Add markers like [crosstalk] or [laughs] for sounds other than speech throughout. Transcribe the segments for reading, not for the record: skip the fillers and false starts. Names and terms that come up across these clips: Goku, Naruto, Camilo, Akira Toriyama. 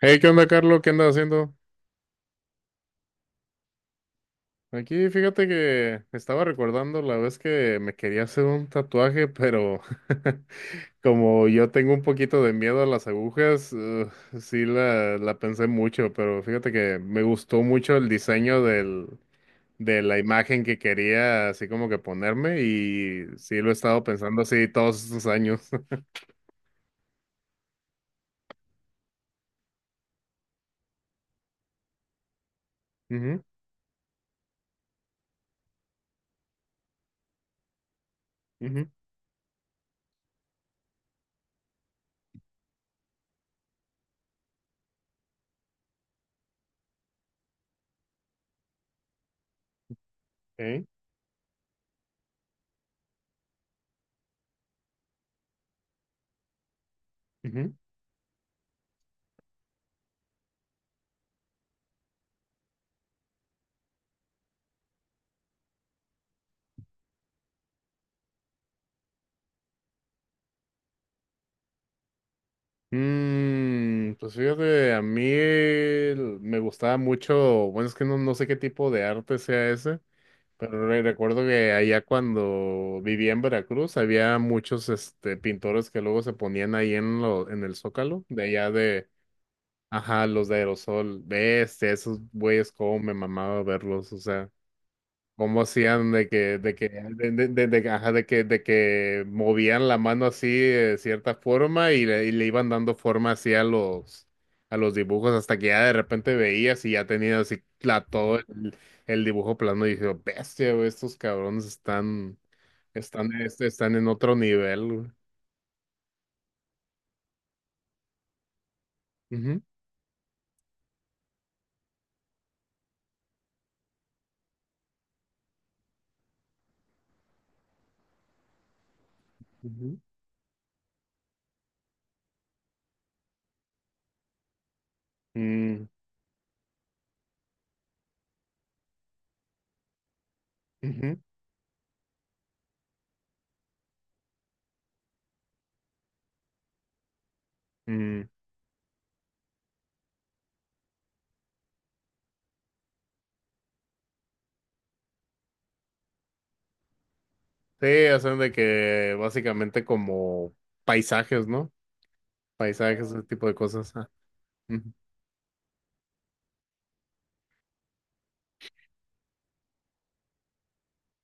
Hey, ¿qué onda, Carlos? ¿Qué andas haciendo? Aquí, fíjate que estaba recordando la vez que me quería hacer un tatuaje, pero [laughs] como yo tengo un poquito de miedo a las agujas, ugh, sí la pensé mucho, pero fíjate que me gustó mucho el diseño de la imagen que quería así como que ponerme, y sí lo he estado pensando así todos estos años. [laughs] Ujú, ujú, ok, ujú. Mm, pues fíjate, a mí me gustaba mucho, bueno, es que no sé qué tipo de arte sea ese, pero recuerdo que allá cuando vivía en Veracruz había muchos, pintores que luego se ponían ahí en el Zócalo, de allá de, ajá, los de aerosol. Bestia, esos güeyes, cómo me mamaba verlos, o sea. ¿Cómo hacían de que ajá, de que movían la mano así de cierta forma y le iban dando forma así a los dibujos, hasta que ya de repente veías y ya tenías así todo el dibujo plano, y dije, bestia, güey, estos cabrones están en otro nivel, güey. Ujú, ujú. Mm, ujú, mm. Sí, hacen de que básicamente como paisajes, ¿no? Paisajes, ese tipo de cosas. Ah. Ujú.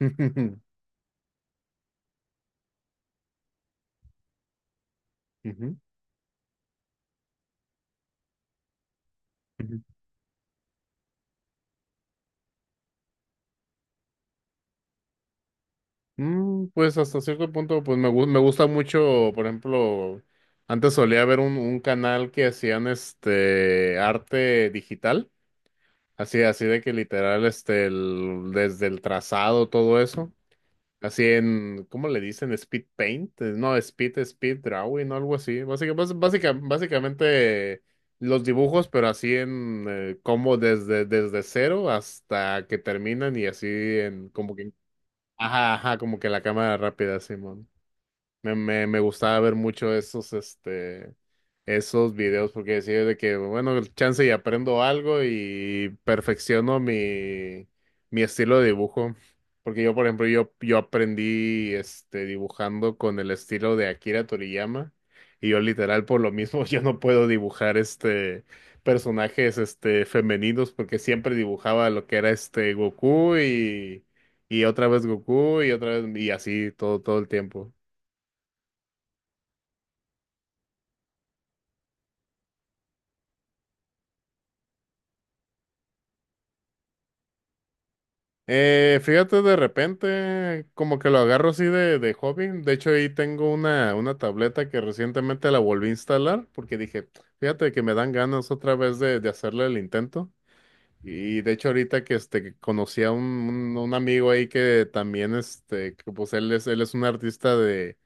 [laughs] Ujú, ujú. Mm, pues hasta cierto punto, pues me gusta mucho, por ejemplo, antes solía ver un canal que hacían este arte digital, así de que literal, desde el trazado, todo eso, así en, ¿cómo le dicen? Speed paint, no, speed drawing o algo así. Básicamente, los dibujos, pero así en, como desde cero hasta que terminan, y así en, como que ajá, ajá, como que la cámara rápida, Simón. Me gustaba ver mucho esos videos porque decía de que, bueno, el chance y aprendo algo y perfecciono mi estilo de dibujo. Porque yo, por ejemplo, yo aprendí, dibujando con el estilo de Akira Toriyama, y yo literal por lo mismo [laughs] yo no puedo dibujar, personajes, femeninos, porque siempre dibujaba lo que era, Goku, y otra vez Goku, y otra vez, y así todo, todo el tiempo. Fíjate, de repente, como que lo agarro así de hobby. De hecho, ahí tengo una tableta que recientemente la volví a instalar, porque dije, fíjate que me dan ganas otra vez de hacerle el intento. Y de hecho, ahorita que que conocí a un amigo ahí que también, que pues él es un artista de,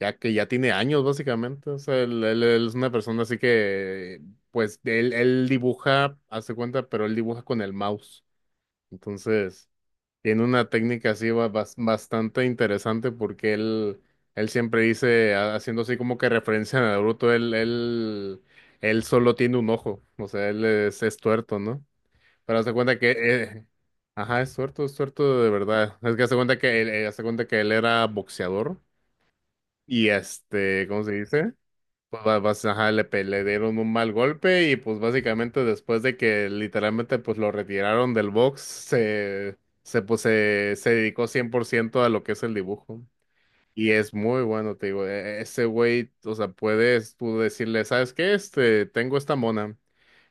ya que ya tiene años básicamente. O sea, él es una persona así que, pues, él dibuja, hace cuenta, pero él dibuja con el mouse. Entonces... Tiene una técnica así bastante interesante, porque él siempre dice, haciendo así como que referencia a Naruto, él solo tiene un ojo, o sea, él es tuerto, ¿no? Pero hace cuenta que, ajá, es tuerto de verdad. Es que hace cuenta que él, hace cuenta que él era boxeador, y ¿cómo se dice? Pues ajá, le dieron un mal golpe, y pues básicamente después de que literalmente pues lo retiraron del box, se dedicó 100% a lo que es el dibujo. Y es muy bueno, te digo, ese güey, o sea, puedes tú decirle, ¿sabes qué? Tengo esta mona,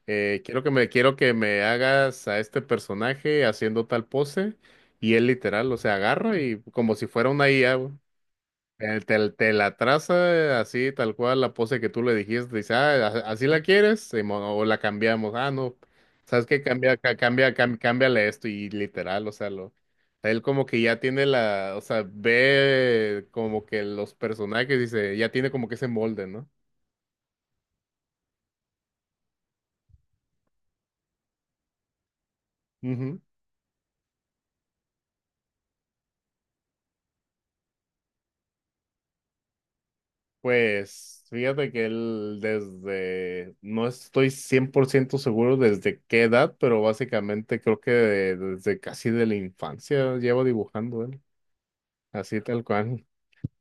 quiero que me hagas a este personaje haciendo tal pose. Y él literal, o sea, agarra y como si fuera una IA. Te la traza así, tal cual, la pose que tú le dijiste. Dice, ah, así la quieres, Simón, o la cambiamos. Ah, no, ¿sabes qué? Cambia, ca- cambia, cam- cámbiale esto, y literal, o sea, lo, él como que ya tiene la, o sea, ve como que los personajes, dice, ya tiene como que ese molde, ¿no? Ujú. Pues fíjate que él desde, no estoy 100% seguro desde qué edad, pero básicamente creo que desde casi de la infancia lleva dibujando él. Así tal cual,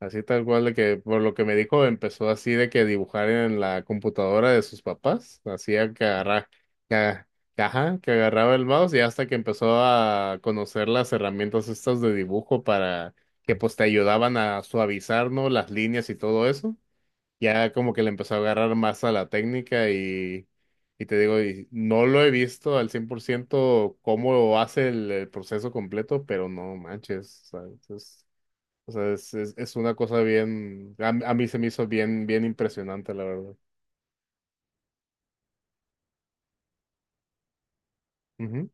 así tal cual, de que por lo que me dijo empezó así de que dibujar en la computadora de sus papás, hacía que agarra, que, que ajá, que agarraba el mouse, y hasta que empezó a conocer las herramientas estas de dibujo, para que pues te ayudaban a suavizar, ¿no? Las líneas y todo eso. Ya como que le empezó a agarrar más a la técnica, y te digo, y no lo he visto al 100% cómo hace el proceso completo, pero no manches, ¿sabes? O sea, es una cosa bien, a mí se me hizo bien, bien impresionante, la verdad. Ujú,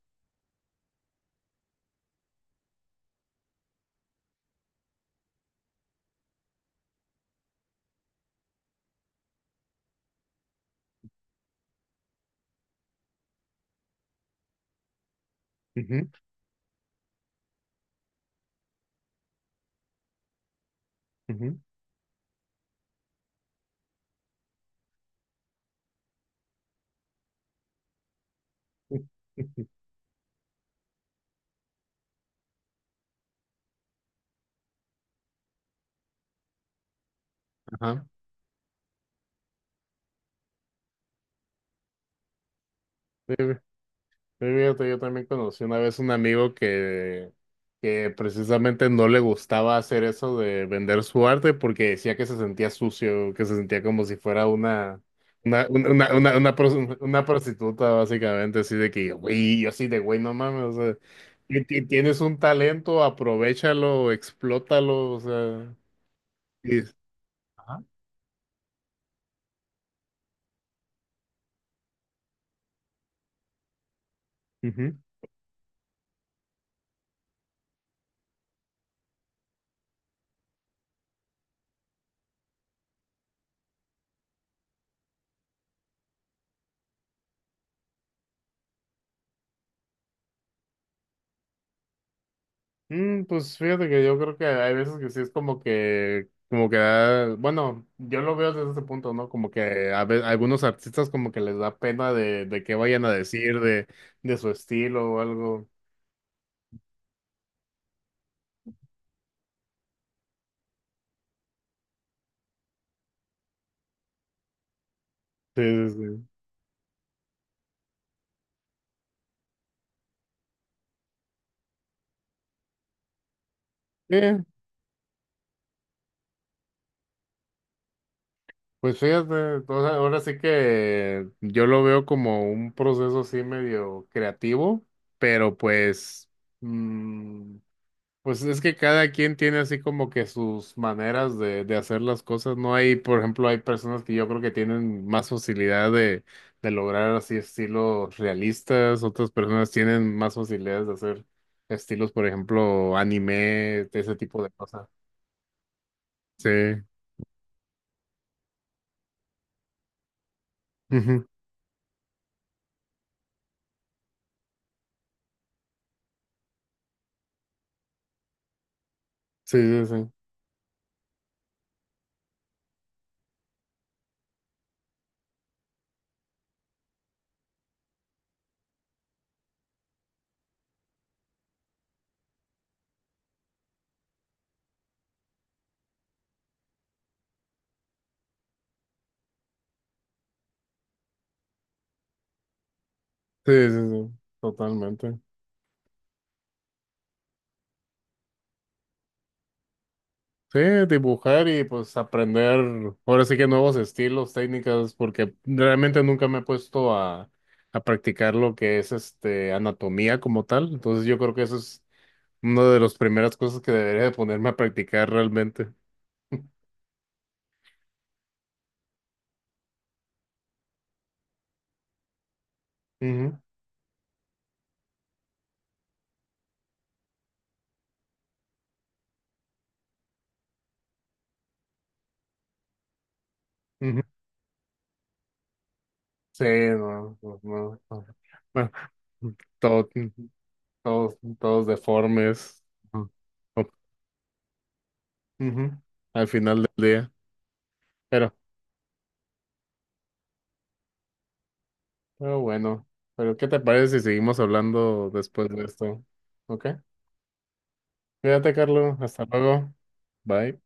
ujú, ujú. [laughs] Ajá. Sí, fíjate, yo también conocí una vez un amigo que precisamente no le gustaba hacer eso de vender su arte, porque decía que se sentía sucio, que se sentía como si fuera una prostituta, básicamente, así de que, güey, yo así de, güey, no mames, o sea, tienes un talento, aprovéchalo, explótalo, o sea. y- Ajá. Mm, pues fíjate que yo creo que hay veces que sí es bueno, yo lo veo desde ese punto, ¿no? Como que algunos artistas como que les da pena de, qué vayan a decir de su estilo o algo. Sí, sí, sí. Eh, pues fíjate, o sea, ahora sí que yo lo veo como un proceso así medio creativo, pero pues mm, pues es que cada quien tiene así como que sus maneras de hacer las cosas. No hay, por ejemplo, hay personas que yo creo que tienen más facilidad de lograr así estilos realistas, otras personas tienen más facilidades de hacer estilos, por ejemplo, anime, ese tipo de cosas. Sí, ujú. Sí, sí, sí, sí, sí, sí, totalmente. Sí, dibujar y pues aprender, ahora sí que, nuevos estilos, técnicas, porque realmente nunca me he puesto a practicar lo que es anatomía como tal. Entonces yo creo que eso es una de las primeras cosas que debería de ponerme a practicar realmente. [laughs] Ujú, ujú. Sí, no, no, no, no. Bueno, todo- todos deformes. Ujú. Ujú, al final del día. pero Pero bueno, pero ¿qué te parece si seguimos hablando después de esto? ¿Ok? Cuídate, Carlos. Hasta luego. Bye.